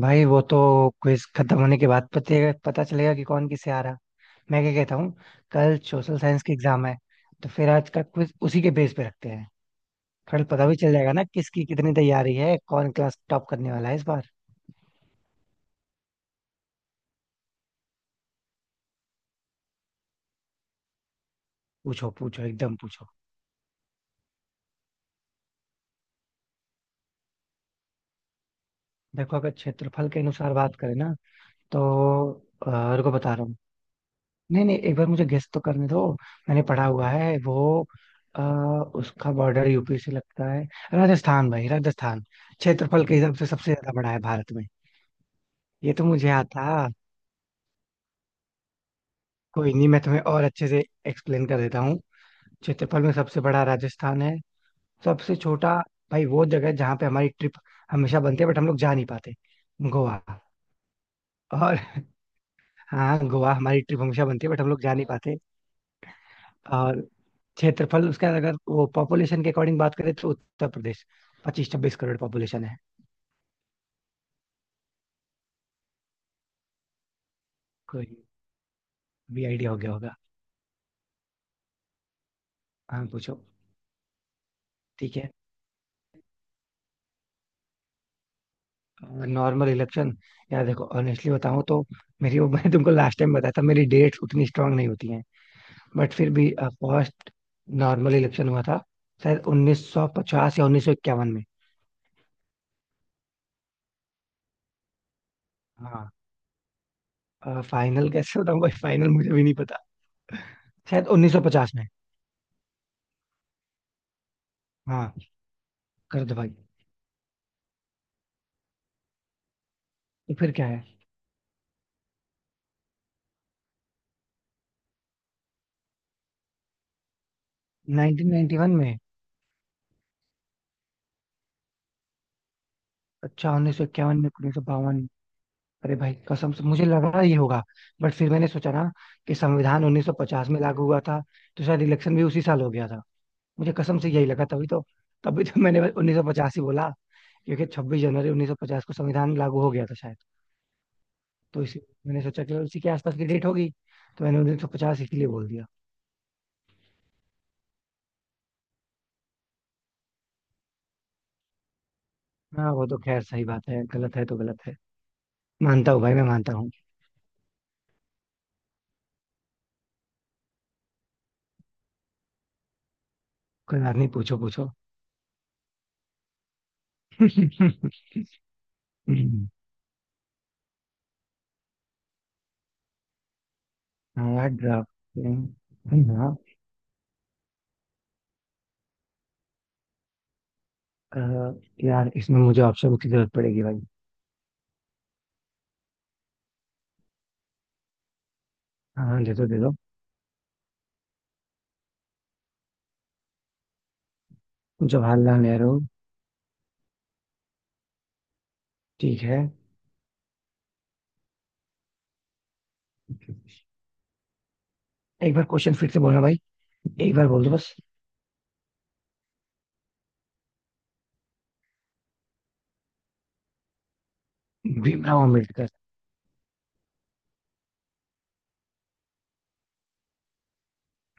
भाई वो तो क्विज खत्म होने के बाद पते पता चलेगा कि कौन किससे आ रहा। मैं क्या कहता हूँ। कल सोशल साइंस की एग्जाम है। तो फिर आज का क्विज उसी के बेस पे रखते हैं। कल पता भी चल जाएगा ना किसकी कितनी तैयारी है कौन क्लास टॉप करने वाला है इस बार। पूछो पूछो एकदम पूछो। देखो अगर क्षेत्रफल के अनुसार बात करें ना तो रुको बता रहा हूँ। नहीं नहीं एक बार मुझे गेस तो करने दो। मैंने पढ़ा हुआ है वो। आ, उसका बॉर्डर यूपी से लगता है। राजस्थान भाई राजस्थान। क्षेत्रफल के हिसाब से सबसे ज्यादा बड़ा है भारत में। ये तो मुझे आता। कोई नहीं मैं तुम्हें और अच्छे से एक्सप्लेन कर देता हूँ। क्षेत्रफल में सबसे बड़ा राजस्थान है। सबसे छोटा भाई वो जगह है जहाँ पे हमारी ट्रिप हमेशा बनती है बट हम लोग जा नहीं पाते। गोवा। और हाँ गोवा हमारी ट्रिप हमेशा बनती है बट हम लोग जा नहीं पाते। और क्षेत्रफल उसका अगर वो पॉपुलेशन के अकॉर्डिंग बात करें तो उत्तर प्रदेश 25-26 करोड़ पॉपुलेशन है। कोई भी आइडिया हो गया होगा। हाँ पूछो। ठीक है। Normal election. यार देखो ऑनेस्टली बताऊं तो मेरी वो मैंने तुमको लास्ट टाइम बताया था मेरी डेट्स उतनी स्ट्रांग नहीं होती हैं। बट फिर भी फर्स्ट नॉर्मल इलेक्शन हुआ था शायद 1950 या 1951 में। हाँ। फाइनल कैसे बताऊं भाई फाइनल मुझे भी नहीं पता। शायद 1950 में। हाँ कर दो भाई। तो फिर क्या है। 1991 में। अच्छा 1951 में, 1952। अरे भाई कसम से मुझे लगा ये होगा। बट फिर मैंने सोचा ना कि संविधान 1950 में लागू हुआ था। तो शायद इलेक्शन भी उसी साल हो गया था। मुझे कसम से यही लगा तभी तो। तभी तो मैंने बस 1950 ही बोला। क्योंकि 26 जनवरी 1950 को संविधान लागू हो गया था शायद। तो इसी मैंने सोचा कि उसी के आसपास की डेट होगी। तो मैंने 1950 इसीलिए बोल दिया। हाँ वो तो खैर सही बात है गलत है तो गलत है। मानता हूँ भाई मैं मानता हूँ। कोई बात नहीं पूछो पूछो। हाँ ड्राफ्टिंग। हाँ अ, यार इसमें मुझे ऑप्शन की जरूरत पड़ेगी भाई। हाँ दे दो दे दो। जवाहरलाल नेहरू। ठीक है। एक बार क्वेश्चन फिर से बोलना भाई। एक बार बोल दो बस। भीमराव अम्बेडकर।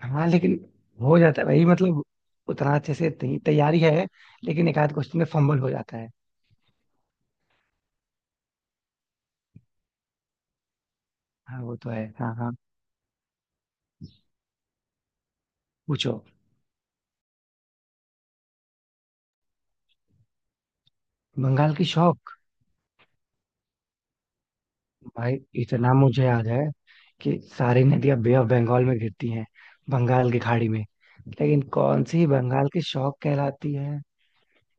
हाँ लेकिन हो जाता है भाई मतलब उतना अच्छे से तैयारी है। लेकिन एक आध क्वेश्चन में फंबल हो जाता है। हाँ वो तो है हाँ हाँ। पूछो। बंगाल की शौक। भाई इतना मुझे याद है कि सारी नदियां बे ऑफ बंगाल में गिरती हैं। बंगाल की खाड़ी में। लेकिन कौन सी बंगाल की शौक कहलाती है।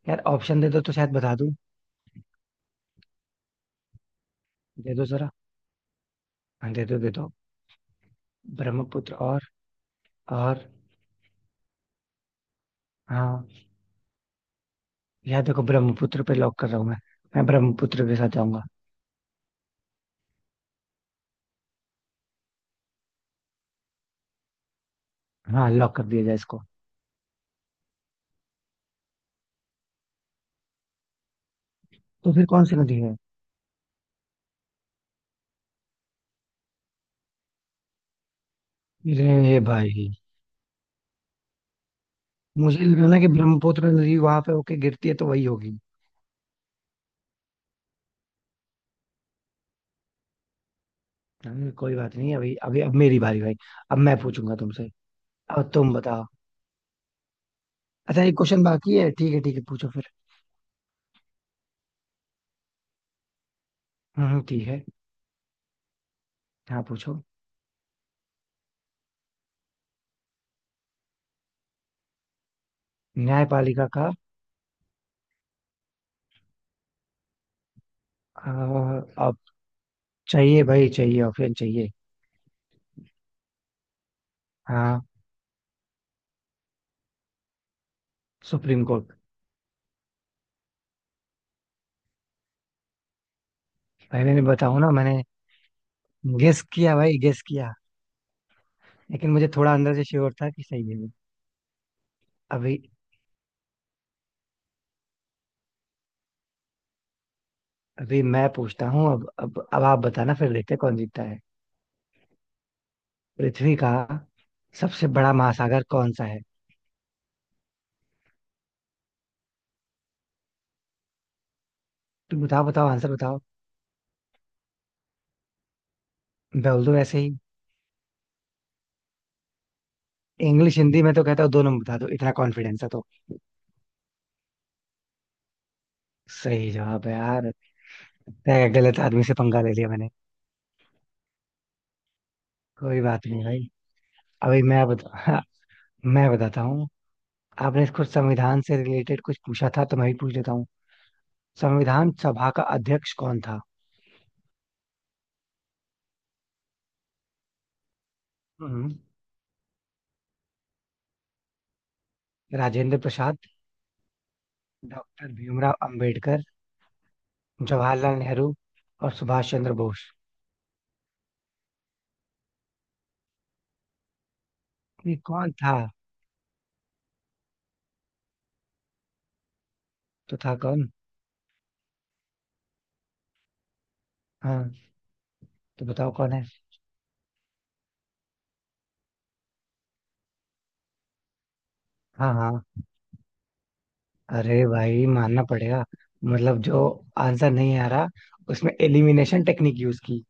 यार ऑप्शन दे दो तो शायद बता दूं। दे दो जरा। हाँ, दे दो दे दो। ब्रह्मपुत्र और। हाँ यार देखो ब्रह्मपुत्र पे लॉक कर रहा हूँ मैं। मैं ब्रह्मपुत्र के साथ जाऊंगा। हाँ लॉक कर दिया जाए इसको। तो फिर कौन सी नदी है। अरे भाई मुझे लगा ना कि ब्रह्मपुत्र नदी वहां पे होके गिरती है तो वही होगी। कोई बात नहीं अभी अभी अब मेरी बारी भाई। अब मैं पूछूंगा तुमसे। अब तुम बताओ। अच्छा एक क्वेश्चन बाकी है ठीक है ठीक है पूछो फिर। ठीक है। हाँ पूछो। न्यायपालिका का। अ, अब चाहिए भाई चाहिए ऑप्शन चाहिए। हाँ सुप्रीम कोर्ट। मैंने नहीं बताऊं ना मैंने गेस किया भाई गेस किया। लेकिन मुझे थोड़ा अंदर से श्योर था कि सही है वो। अभी अभी मैं पूछता हूँ अब आप बताना फिर देखते हैं कौन जीतता है। पृथ्वी का सबसे बड़ा महासागर कौन सा है। तुम बताओ बताओ आंसर बताओ। बोल दो ऐसे ही। इंग्लिश हिंदी में तो कहता हूँ दोनों में बता दो इतना कॉन्फिडेंस है तो। सही जवाब है यार। लगता है गलत आदमी से पंगा ले लिया मैंने। कोई बात नहीं भाई। अभी मैं बता मैं बताता हूँ। आपने कुछ संविधान से रिलेटेड कुछ पूछा था तो मैं भी पूछ लेता हूँ। संविधान सभा का अध्यक्ष कौन था। हम्म, राजेंद्र प्रसाद। डॉक्टर भीमराव अंबेडकर। जवाहरलाल नेहरू और सुभाष चंद्र बोस। ये कौन था। तो था कौन। हाँ। तो बताओ कौन है। हाँ हाँ। अरे भाई मानना पड़ेगा। मतलब जो आंसर नहीं आ रहा उसमें एलिमिनेशन टेक्निक यूज की।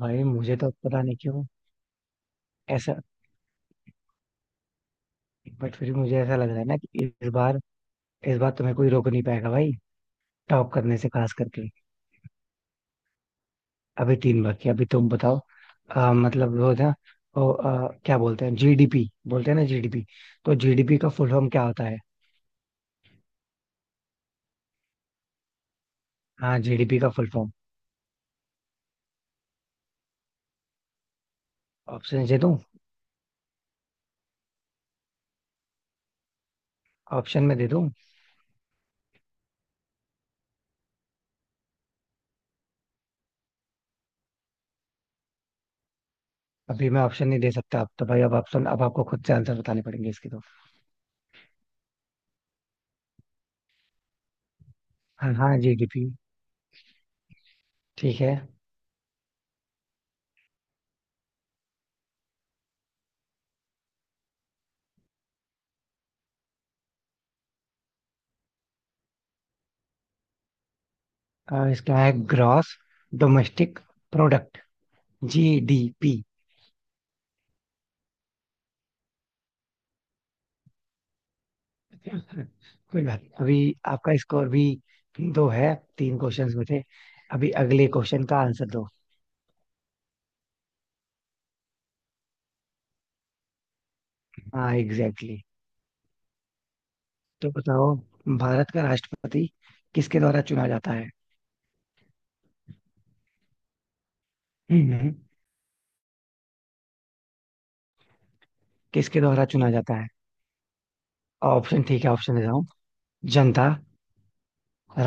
भाई मुझे तो पता नहीं क्यों ऐसा। बट फिर भी मुझे ऐसा लग रहा है ना कि इस बार तुम्हें कोई रोक नहीं पाएगा भाई। टॉप करने से खास करके। अभी तीन बाकी अभी तुम बताओ। मतलब वो था। क्या बोलते हैं जीडीपी बोलते हैं ना जीडीपी। तो जीडीपी का फुल फॉर्म क्या होता है। हाँ जीडीपी का फुल फॉर्म। ऑप्शन दे दूं। ऑप्शन में दे दूं। अभी मैं ऑप्शन नहीं दे सकता अब तो भाई अब ऑप्शन अब आपको खुद से आंसर बताने पड़ेंगे इसके तो। हाँ हाँ जीडीपी। ठीक है। इसका है ग्रॉस डोमेस्टिक प्रोडक्ट जीडीपी। कोई बात नहीं अभी आपका स्कोर भी दो है तीन क्वेश्चंस में थे। अभी अगले क्वेश्चन का आंसर दो। हाँ एग्जैक्टली exactly। तो बताओ भारत का राष्ट्रपति किसके द्वारा चुना जाता है। हम्म। किसके द्वारा चुना जाता है। ऑप्शन ठीक है ऑप्शन देता हूँ। जनता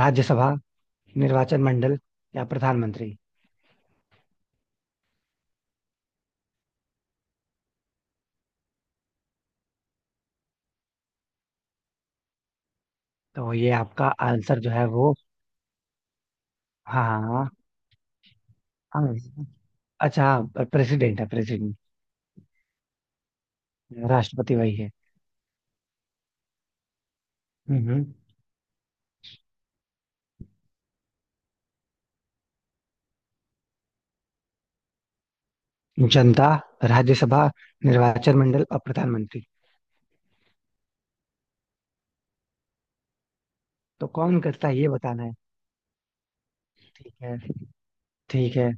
राज्यसभा निर्वाचन मंडल या प्रधानमंत्री। तो ये आपका आंसर जो है वो। हाँ हाँ। हाँ। अच्छा। प्रेसिडेंट है प्रेसिडेंट। राष्ट्रपति वही है। हम्म। जनता राज्यसभा निर्वाचन मंडल और प्रधानमंत्री। तो कौन करता है ये बताना है। ठीक है ठीक है।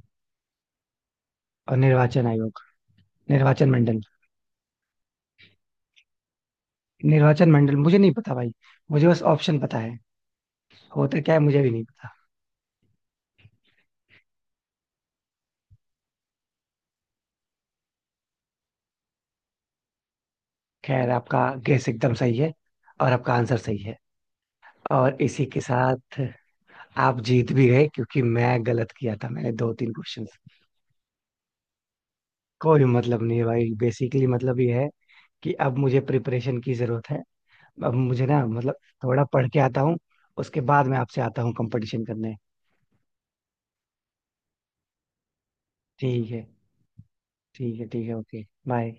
और निर्वाचन मंडल। निर्वाचन मंडल मुझे नहीं पता भाई। मुझे बस ऑप्शन पता है। होता क्या है मुझे भी नहीं पता। खैर आपका गैस एकदम सही है। और आपका आंसर सही है। और इसी के साथ आप जीत भी गए क्योंकि मैं गलत किया था मैंने दो तीन क्वेश्चंस। कोई मतलब नहीं है भाई बेसिकली मतलब ये है कि अब मुझे प्रिपरेशन की जरूरत है। अब मुझे ना मतलब थोड़ा पढ़ के आता हूँ। उसके बाद मैं आपसे आता हूँ कंपटीशन करने। ठीक है ठीक है ठीक है ओके बाय।